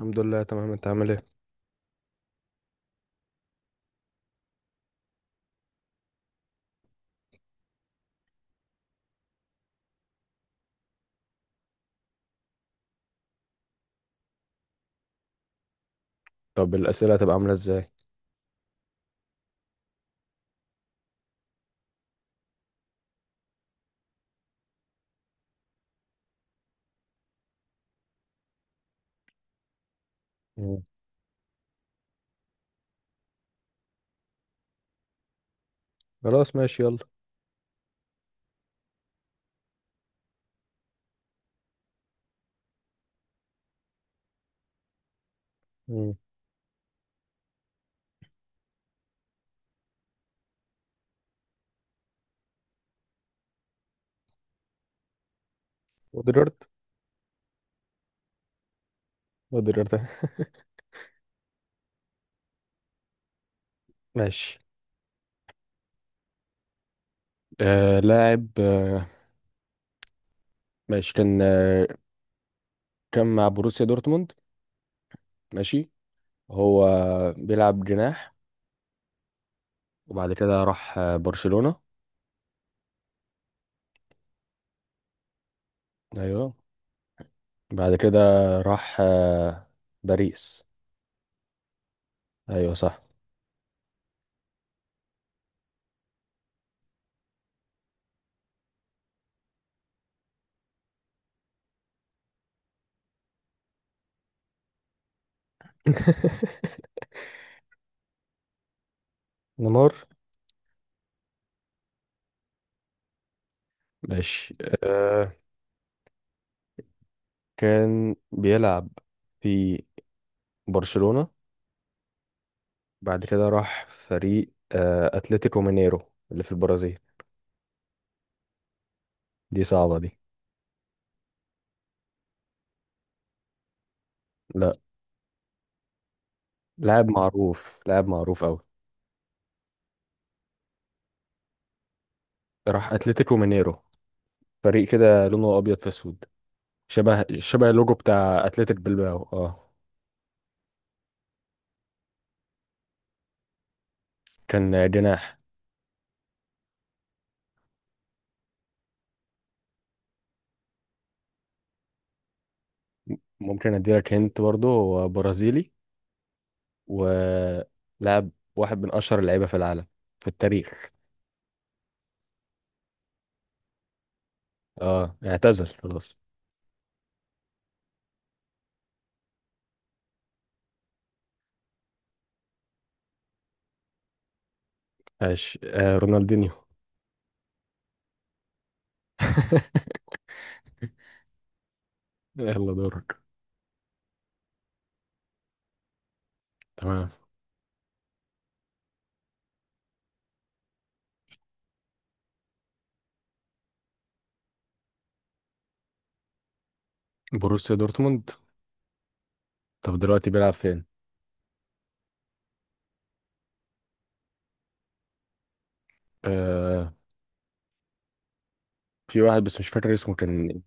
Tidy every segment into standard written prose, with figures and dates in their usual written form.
الحمد لله، تمام. انت عامل ايه؟ طب الاسئله هتبقى عامله ازاي؟ مم. خلاص ماشي، يلا. مم. قدرت، قدرت. ماشي. لاعب ماشي. كان كان مع بروسيا دورتموند. ماشي. هو بيلعب جناح، وبعد كده راح برشلونة. ايوه، بعد كده راح باريس. ايوه صح. نيمار. ماشي. آه كان بيلعب في برشلونة، بعد كده راح فريق اتلتيكو مينيرو اللي في البرازيل. دي صعبة دي. لا، لاعب معروف، لاعب معروف أوي. راح اتلتيكو مينيرو، فريق كده لونه أبيض في أسود، شبه اللوجو بتاع اتلتيك بلباو كان جناح. ممكن اديلك هنت، برضه هو برازيلي ولاعب، واحد من أشهر اللعيبة في العالم، في التاريخ. اه، اعتزل خلاص. ماشي، رونالدينيو. يلا دورك. تمام. بروسيا دورتموند. طب دلوقتي بيلعب فين؟ آه في واحد بس مش فاكر اسمه، كان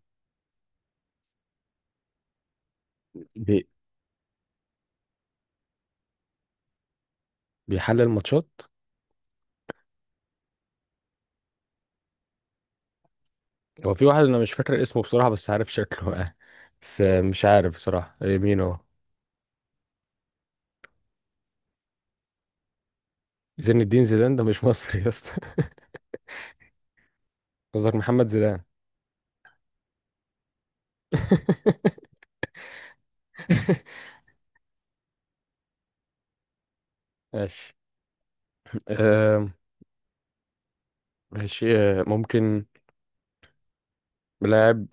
بي بيحلل ماتشات. هو في واحد انا مش فاكر اسمه بصراحة، بس عارف شكله. بس مش عارف بصراحة، مين هو؟ زين الدين زيدان ده مش مصري يا اسطى. قصدك محمد زيدان. ماشي. آه ماشي، ممكن لاعب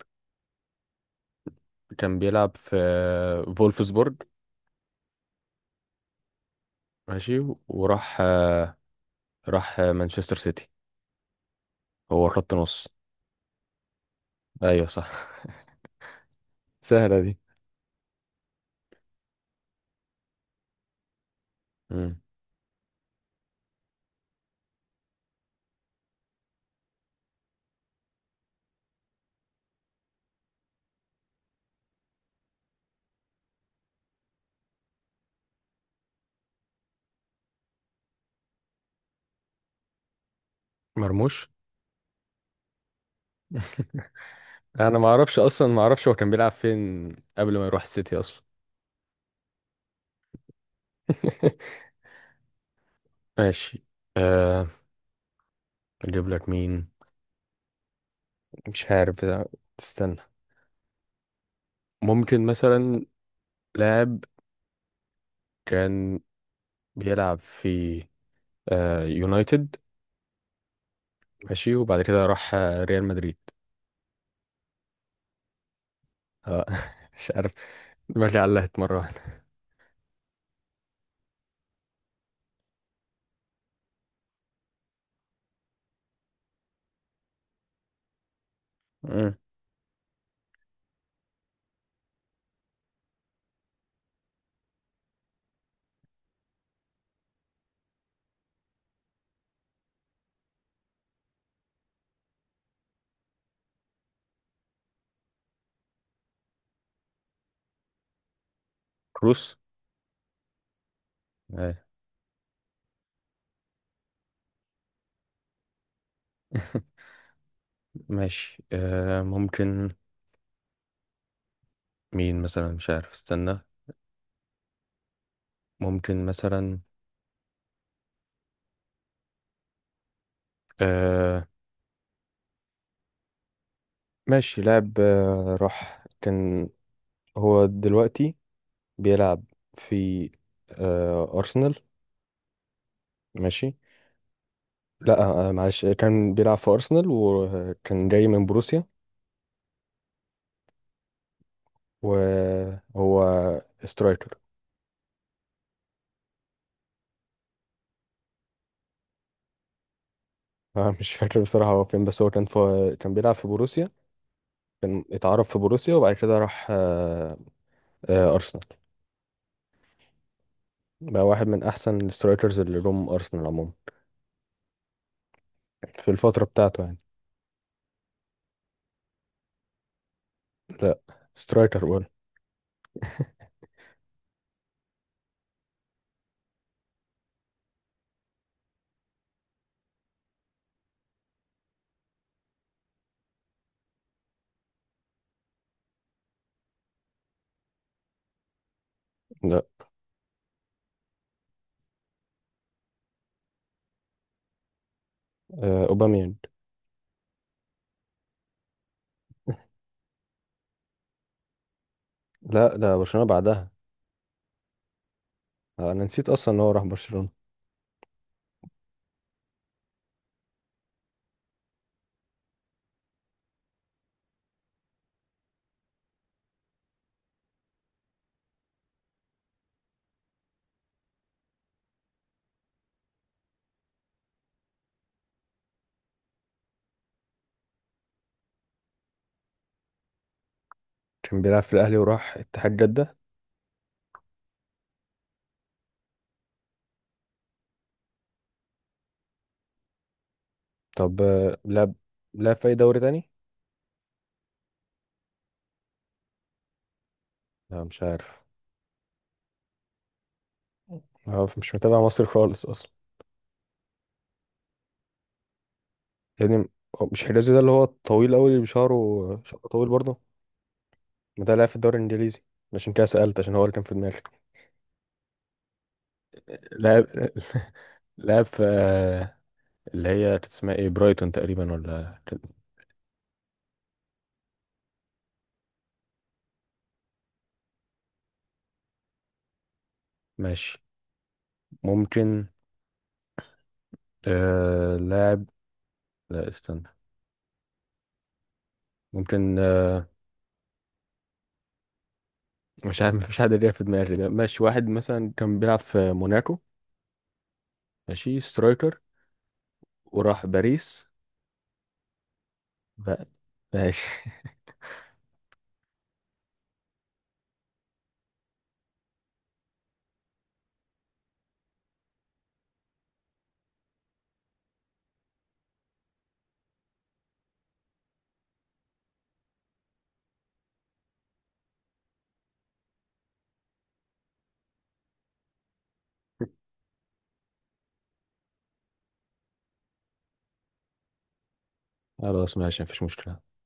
كان بيلعب في فولفسبورج. ماشي، وراح آه راح آه، مانشستر سيتي. هو خط نص. ايوه صح. سهلة دي. مم. مرموش. انا ما اعرفش اصلا، ما اعرفش هو كان بيلعب فين قبل ما يروح السيتي اصلا. ماشي. أه اجيب لك مين؟ مش عارف بقى. استنى، ممكن مثلا لاعب كان بيلعب في يونايتد، ماشي، وبعد كده راح ريال مدريد. أه. مش عارف، دماغي علقت مرة واحدة. مم. كروس. آه. ماشي. ممكن مين مثلا، مش عارف، استنى. ممكن مثلا آه، ماشي. لاعب آه، راح كان هو دلوقتي بيلعب في أرسنال. ماشي. لا، معلش، كان بيلعب في أرسنال وكان جاي من بروسيا، وهو سترايكر. مش فاكر بصراحة هو فين، بس هو كان بيلعب في بروسيا، كان اتعرف في بروسيا وبعد كده راح أرسنال. بقى واحد من أحسن السترايكرز اللي جم أرسنال عموما في الفترة بتاعته يعني. سترايكر ولا؟ لا، أوباميانج. لا، ده برشلونة بعدها. انا نسيت اصلا ان هو راح برشلونة. كان بيلعب في الاهلي وراح اتحاد جدة. طب، لعب في اي دوري تاني؟ لا، مش عارف. مش متابع مصر خالص اصلا يعني. هو مش حجازي ده اللي هو الطويل قوي، اللي شعره طويل برضه؟ ما ده لعب في الدوري الانجليزي، عشان كده سألت، عشان هو اللي كان في دماغي. لعب لعب في اللي هي كانت اسمها ايه، برايتون تقريبا، ولا كان ماشي. ممكن لاعب، لا استنى، ممكن، مش عارف، مفيش حد ليه في دماغي، ده ماشي. واحد مثلا كان بيلعب في موناكو، ماشي، سترايكر، وراح باريس بقى. ماشي. خلاص ماشي، مفيش مشكلة.